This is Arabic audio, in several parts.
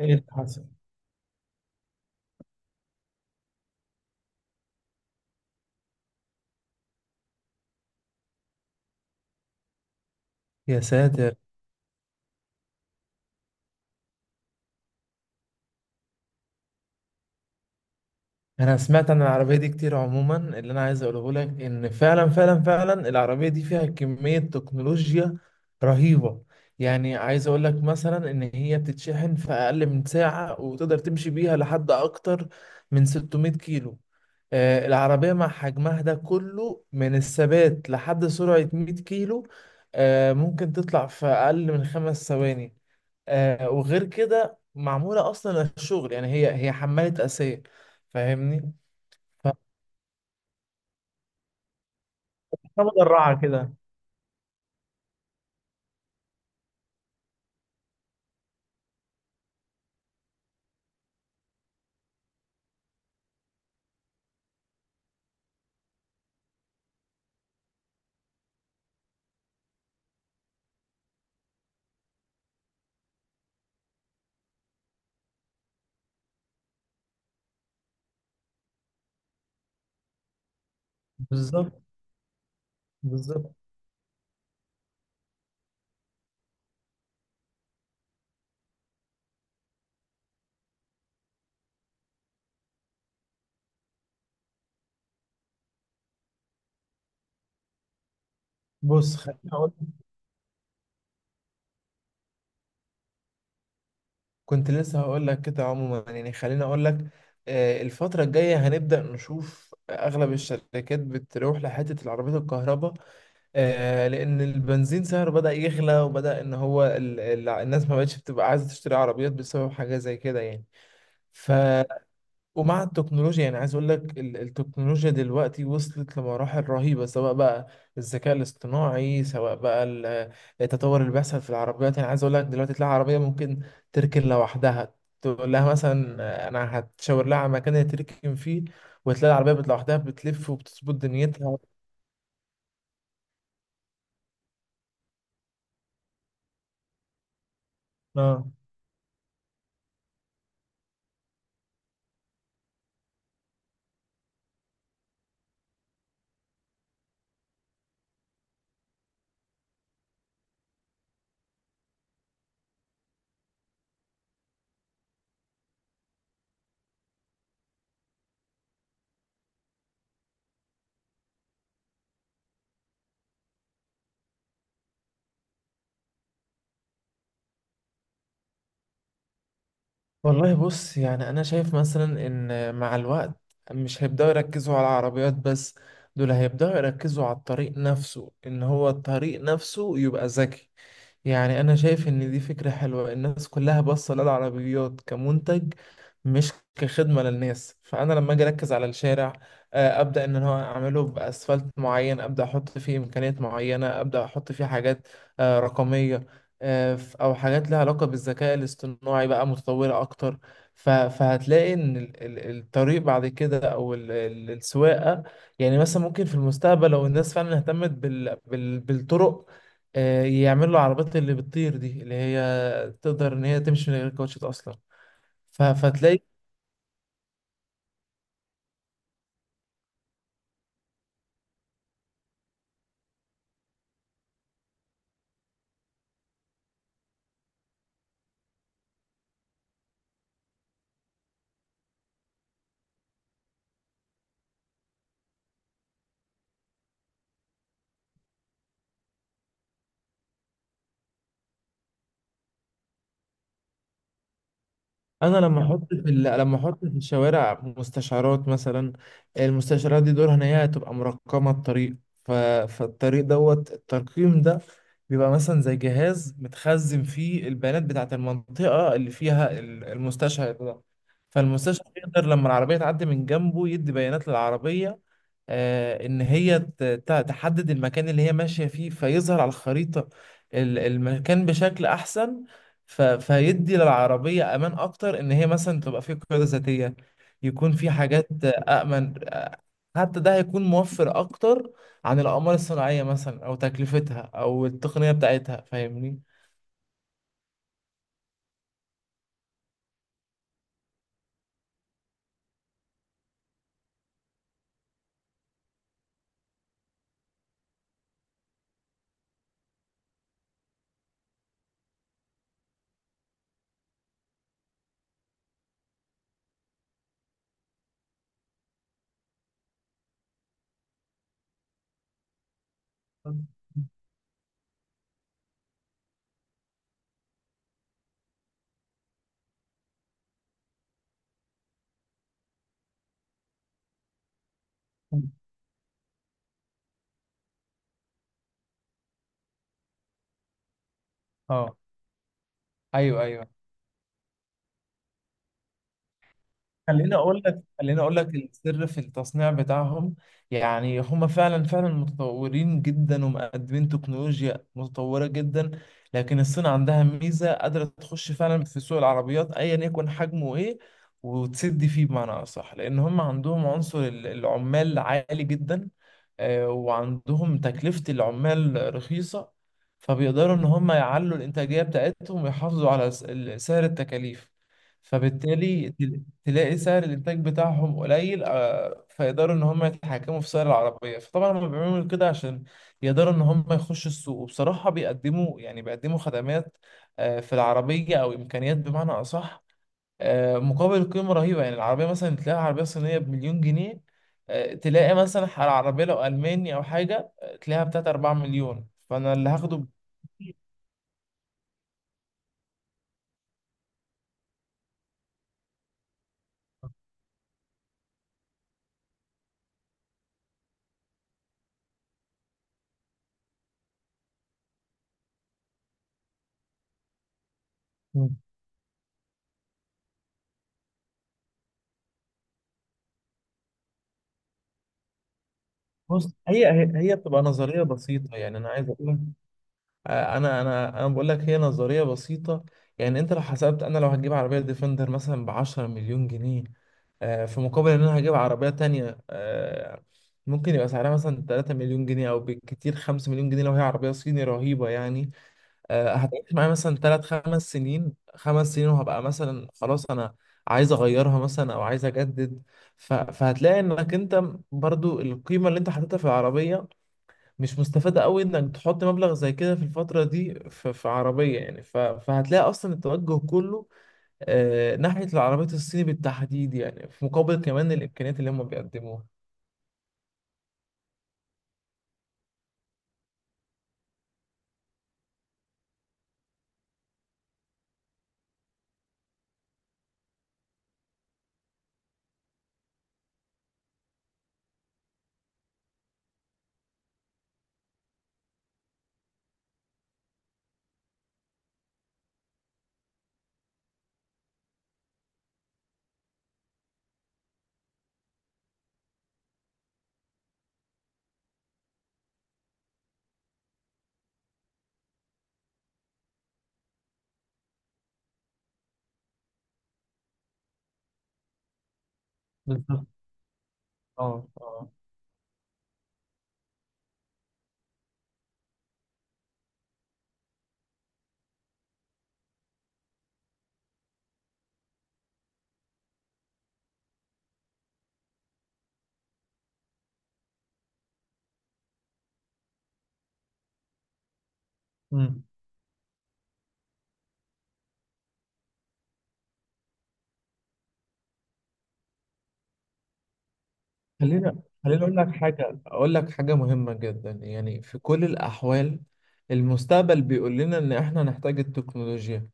ايه اللي حصل؟ يا ساتر. انا سمعت عن العربيه دي كتير. عموما اللي انا عايز اقوله لك ان فعلا فعلا فعلا العربيه دي فيها كميه تكنولوجيا رهيبه. يعني عايز اقول لك مثلا ان هي بتتشحن في اقل من ساعه وتقدر تمشي بيها لحد اكتر من 600 كيلو. العربية مع حجمها ده كله من الثبات لحد سرعة 100 كيلو، ممكن تطلع في أقل من 5 ثواني. وغير كده معمولة أصلا للشغل. يعني هي حمالة أساسية، فاهمني؟ فمدرعة كده. بالظبط، بالظبط. بص، خليني أقول. كنت لسه هقول لك كده. عموما يعني خليني أقول لك، الفترة الجاية هنبدأ نشوف أغلب الشركات بتروح لحتة العربيات الكهرباء، لان البنزين سعره بدأ يغلى، وبدأ ان هو الناس ما بقتش بتبقى عايزة تشتري عربيات بسبب حاجة زي كده يعني. ف ومع التكنولوجيا يعني عايز اقول لك التكنولوجيا دلوقتي وصلت لمراحل رهيبة، سواء بقى الذكاء الاصطناعي، سواء بقى التطور اللي بيحصل في العربيات. يعني عايز اقول لك دلوقتي تلاقي عربية ممكن تركن لوحدها. تقول لها مثلا، انا هتشاور لها على مكان هي تركن فيه، وتلاقي العربية لوحدها بتلف وبتظبط دنيتها. اه، والله بص، يعني أنا شايف مثلا إن مع الوقت مش هيبدأوا يركزوا على العربيات بس. دول هيبدأوا يركزوا على الطريق نفسه، إن هو الطريق نفسه يبقى ذكي. يعني أنا شايف إن دي فكرة حلوة. الناس كلها باصة للعربيات كمنتج مش كخدمة للناس. فأنا لما أجي أركز على الشارع، أبدأ إن هو أعمله بأسفلت معين، أبدأ أحط فيه إمكانيات معينة، أبدأ أحط فيه حاجات رقمية، أو حاجات لها علاقة بالذكاء الاصطناعي بقى متطورة أكتر. فهتلاقي إن الطريق بعد كده، أو السواقة. يعني مثلا ممكن في المستقبل لو الناس فعلا اهتمت بالطرق، يعمل له عربيات اللي بتطير دي، اللي هي تقدر ان هي تمشي من غير كاوتشات اصلا. فتلاقي انا لما احط في لما احط في الشوارع مستشعرات مثلا. المستشعرات دي دورها ان هي تبقى مرقمه الطريق. ف... فالطريق دوت الترقيم ده بيبقى مثلا زي جهاز متخزن فيه البيانات بتاعت المنطقه اللي فيها المستشعر ده. فالمستشعر يقدر لما العربيه تعدي من جنبه يدي بيانات للعربيه، ان هي تحدد المكان اللي هي ماشية فيه، فيظهر على الخريطة المكان بشكل احسن. فيدي للعربية امان اكتر ان هي مثلا تبقى في قيادة ذاتية. يكون في حاجات امن، حتى ده هيكون موفر اكتر عن الاقمار الصناعية مثلا، او تكلفتها، او التقنية بتاعتها، فاهمني. اه، ايوه، ايوه. خليني اقول لك السر في التصنيع بتاعهم. يعني هم فعلا فعلا متطورين جدا، ومقدمين تكنولوجيا متطوره جدا. لكن الصين عندها ميزه قادره تخش فعلا في سوق العربيات ايا يكن حجمه ايه، وتسد فيه. بمعنى اصح، لان هم عندهم عنصر العمال عالي جدا، وعندهم تكلفه العمال رخيصه. فبيقدروا ان هم يعلوا الانتاجيه بتاعتهم، ويحافظوا على سعر التكاليف. فبالتالي تلاقي سعر الانتاج بتاعهم قليل، فيقدروا ان هم يتحكموا في سعر العربيه. فطبعا هم بيعملوا كده عشان يقدروا ان هم يخشوا السوق. وبصراحه بيقدموا، يعني بيقدموا خدمات في العربيه، او امكانيات بمعنى اصح، مقابل قيمه رهيبه. يعني العربيه مثلا تلاقي عربيه صينيه بمليون جنيه، تلاقي مثلا على العربيه لو الماني او حاجه، تلاقيها بتاعت 4 مليون. فانا اللي هاخده ب-. مم. بص، هي بتبقى نظريه بسيطه. يعني انا عايز اقول، انا بقول لك هي نظريه بسيطه. يعني انت لو حسبت انا لو هتجيب عربيه ديفندر مثلا ب 10 مليون جنيه، في مقابل ان انا هجيب عربيه تانية، ممكن يبقى سعرها مثلا 3 مليون جنيه، او بالكتير 5 مليون جنيه لو هي عربيه صيني رهيبه يعني، هتعيش معايا مثلا 3 5 سنين، 5 سنين، وهبقى مثلا خلاص، انا عايز اغيرها مثلا، او عايز اجدد. فهتلاقي انك انت برضو القيمه اللي انت حاططها في العربيه مش مستفادة قوي. انك تحط مبلغ زي كده في الفترة دي في عربية يعني. فهتلاقي اصلا التوجه كله آه ناحية العربيات الصيني بالتحديد، يعني في مقابل كمان الامكانيات اللي هم بيقدموها. بالظبط. اه، اه. امم خلينا، خليني اقول لك حاجة اقول لك حاجة مهمة جدا. يعني في كل الاحوال المستقبل بيقول لنا ان احنا نحتاج التكنولوجيا،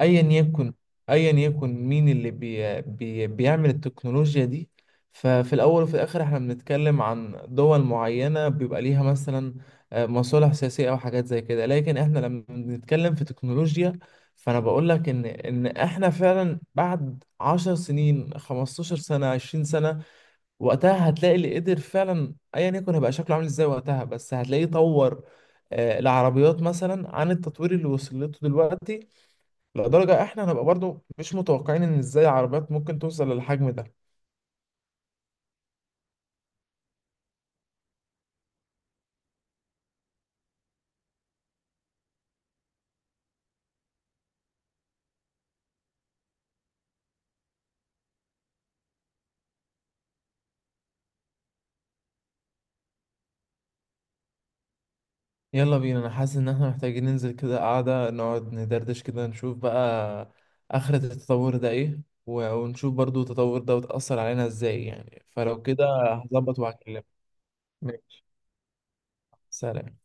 ايا يكن، ايا يكن مين اللي بي بي بيعمل التكنولوجيا دي. ففي الاول وفي الاخر احنا بنتكلم عن دول معينة بيبقى ليها مثلا مصالح سياسية او حاجات زي كده. لكن احنا لما بنتكلم في تكنولوجيا، فانا بقول لك ان احنا فعلا بعد 10 سنين، 15 سنة، 20 سنة، وقتها هتلاقي اللي قدر فعلا ايا يكن هيبقى شكله عامل ازاي وقتها، بس هتلاقيه طور العربيات مثلا عن التطوير اللي وصلته دلوقتي، لدرجة احنا هنبقى برضو مش متوقعين ان ازاي عربيات ممكن توصل للحجم ده. يلا بينا، انا حاسس ان احنا محتاجين ننزل كده قعدة، نقعد ندردش كده، نشوف بقى آخرة التطور ده ايه، ونشوف برضو التطور ده وتأثر علينا ازاي يعني. فلو كده هظبط وهكلمك. ماشي، سلام.